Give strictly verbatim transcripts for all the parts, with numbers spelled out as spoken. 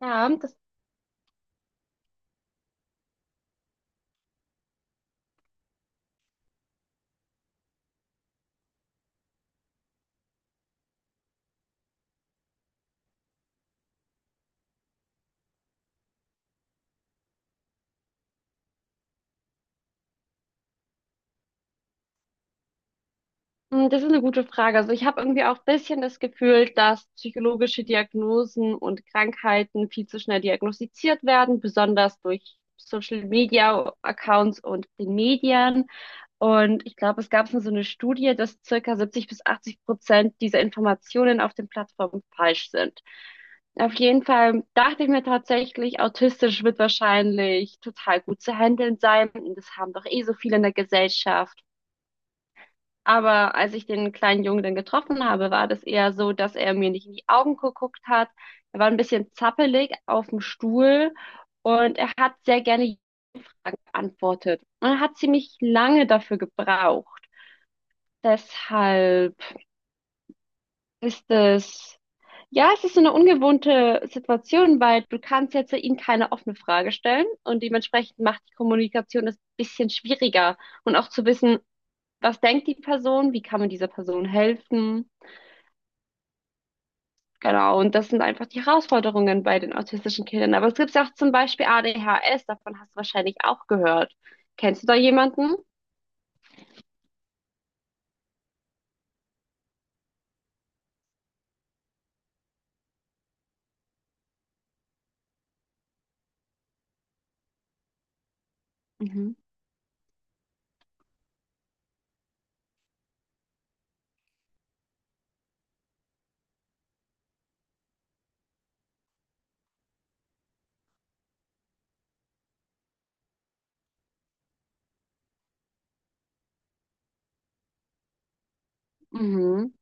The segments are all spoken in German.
Ja, das, mh, Das ist eine gute Frage. Also ich habe irgendwie auch ein bisschen das Gefühl, dass psychologische Diagnosen und Krankheiten viel zu schnell diagnostiziert werden, besonders durch Social Media Accounts und den Medien. Und ich glaube, es gab so eine Studie, dass circa siebzig bis achtzig Prozent dieser Informationen auf den Plattformen falsch sind. Auf jeden Fall dachte ich mir tatsächlich, autistisch wird wahrscheinlich total gut zu handeln sein. Und Das haben doch eh so viele in der Gesellschaft. Aber als ich den kleinen Jungen dann getroffen habe, war das eher so, dass er mir nicht in die Augen geguckt hat. Er war ein bisschen zappelig auf dem Stuhl und er hat sehr gerne Ja geantwortet. Und er hat ziemlich lange dafür gebraucht. Deshalb ist es, ja, es ist so eine ungewohnte Situation, weil du kannst jetzt ihm keine offene Frage stellen, und dementsprechend macht die Kommunikation das ein bisschen schwieriger, und auch zu wissen, was denkt die Person, wie kann man dieser Person helfen. Genau, und das sind einfach die Herausforderungen bei den autistischen Kindern. Aber es gibt ja auch zum Beispiel A D H S, davon hast du wahrscheinlich auch gehört. Kennst du da jemanden? Mhm. Mhm.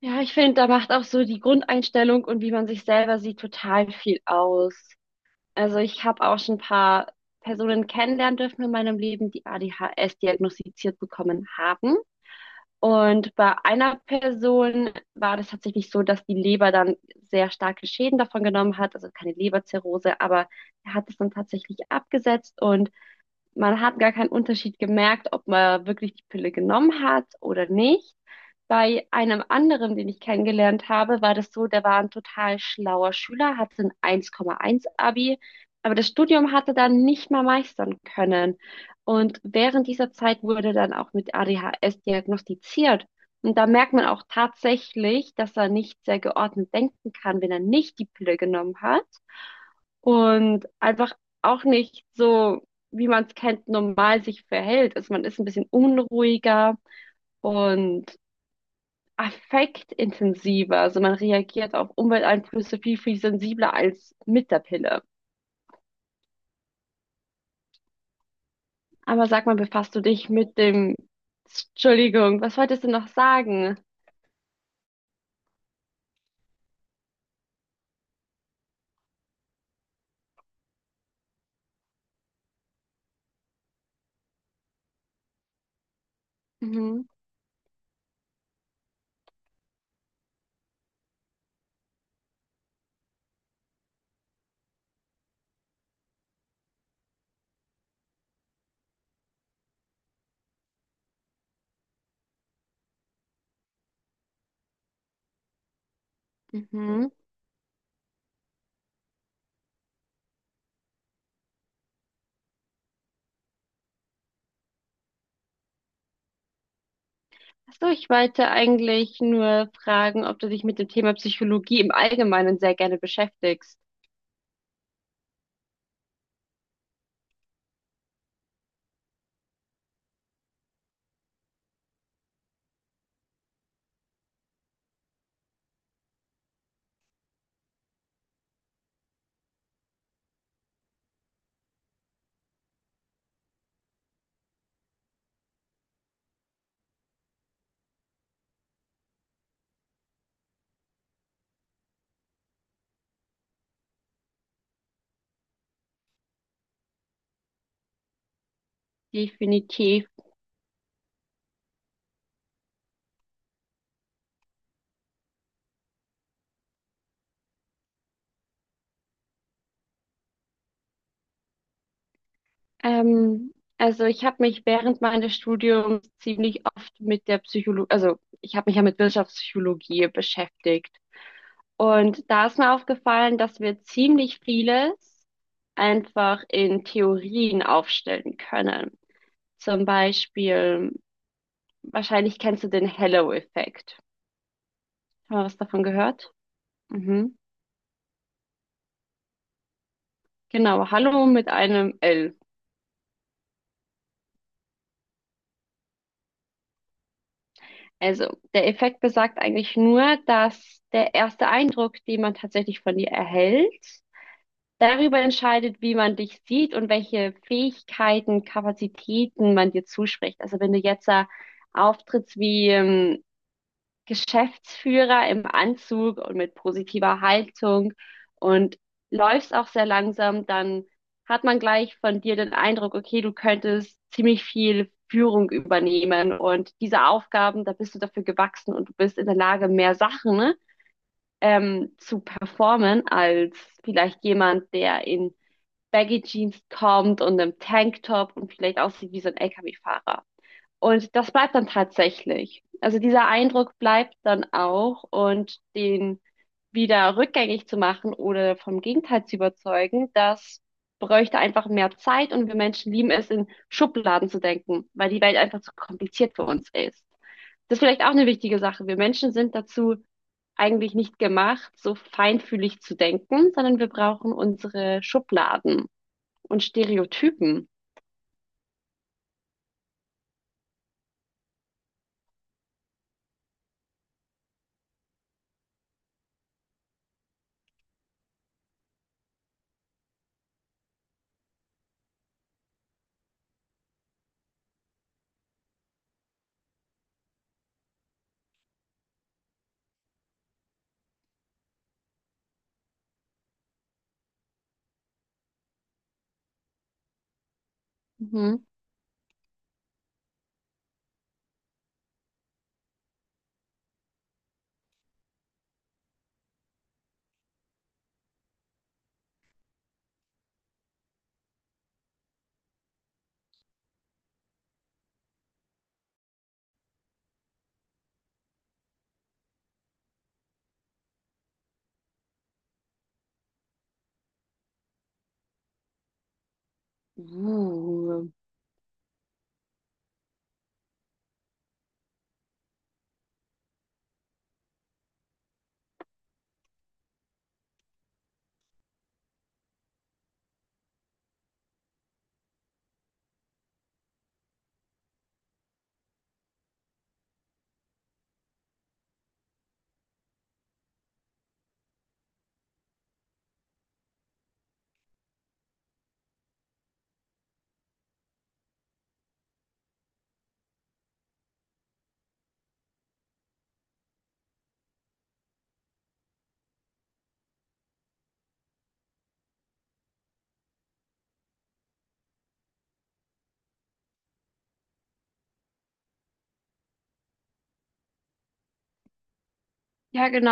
Ja, ich finde, da macht auch so die Grundeinstellung und wie man sich selber sieht total viel aus. Also ich habe auch schon ein paar Personen kennenlernen dürfen in meinem Leben, die A D H S diagnostiziert bekommen haben. Und bei einer Person war das tatsächlich so, dass die Leber dann sehr starke Schäden davon genommen hat, also keine Leberzirrhose, aber er hat es dann tatsächlich abgesetzt und man hat gar keinen Unterschied gemerkt, ob man wirklich die Pille genommen hat oder nicht. Bei einem anderen, den ich kennengelernt habe, war das so, der war ein total schlauer Schüler, hatte ein eins Komma eins Abi, aber das Studium hatte dann nicht mal meistern können. Und während dieser Zeit wurde dann auch mit A D H S diagnostiziert. Und da merkt man auch tatsächlich, dass er nicht sehr geordnet denken kann, wenn er nicht die Pille genommen hat und einfach auch nicht so, wie man es kennt, normal sich verhält. Also man ist ein bisschen unruhiger und affektintensiver. Also man reagiert auf Umwelteinflüsse viel, viel sensibler als mit der Pille. Aber sag mal, befasst du dich mit dem... Entschuldigung, was wolltest du noch sagen? Mhm, mhm. Achso, ich wollte eigentlich nur fragen, ob du dich mit dem Thema Psychologie im Allgemeinen sehr gerne beschäftigst. Definitiv. Ähm, also ich habe mich während meines Studiums ziemlich oft mit der Psychologie, also ich habe mich ja mit Wirtschaftspsychologie beschäftigt. Und da ist mir aufgefallen, dass wir ziemlich vieles einfach in Theorien aufstellen können. Zum Beispiel, wahrscheinlich kennst du den Hello-Effekt. Haben wir was davon gehört? Mhm. Genau, Hallo mit einem L. Also, der Effekt besagt eigentlich nur, dass der erste Eindruck, den man tatsächlich von dir erhält, darüber entscheidet, wie man dich sieht und welche Fähigkeiten, Kapazitäten man dir zuspricht. Also, wenn du jetzt da auftrittst wie, ähm, Geschäftsführer im Anzug und mit positiver Haltung und läufst auch sehr langsam, dann hat man gleich von dir den Eindruck, okay, du könntest ziemlich viel Führung übernehmen und diese Aufgaben, da bist du dafür gewachsen, und du bist in der Lage, mehr Sachen ne, ähm, zu performen als vielleicht jemand, der in Baggy Jeans kommt und einem Tanktop und vielleicht aussieht wie so ein L K W-Fahrer. Und das bleibt dann tatsächlich. Also dieser Eindruck bleibt dann auch, und den wieder rückgängig zu machen oder vom Gegenteil zu überzeugen, das bräuchte einfach mehr Zeit, und wir Menschen lieben es, in Schubladen zu denken, weil die Welt einfach zu kompliziert für uns ist. Das ist vielleicht auch eine wichtige Sache. Wir Menschen sind dazu eigentlich nicht gemacht, so feinfühlig zu denken, sondern wir brauchen unsere Schubladen und Stereotypen. Mhm. Uh. Ja, genau.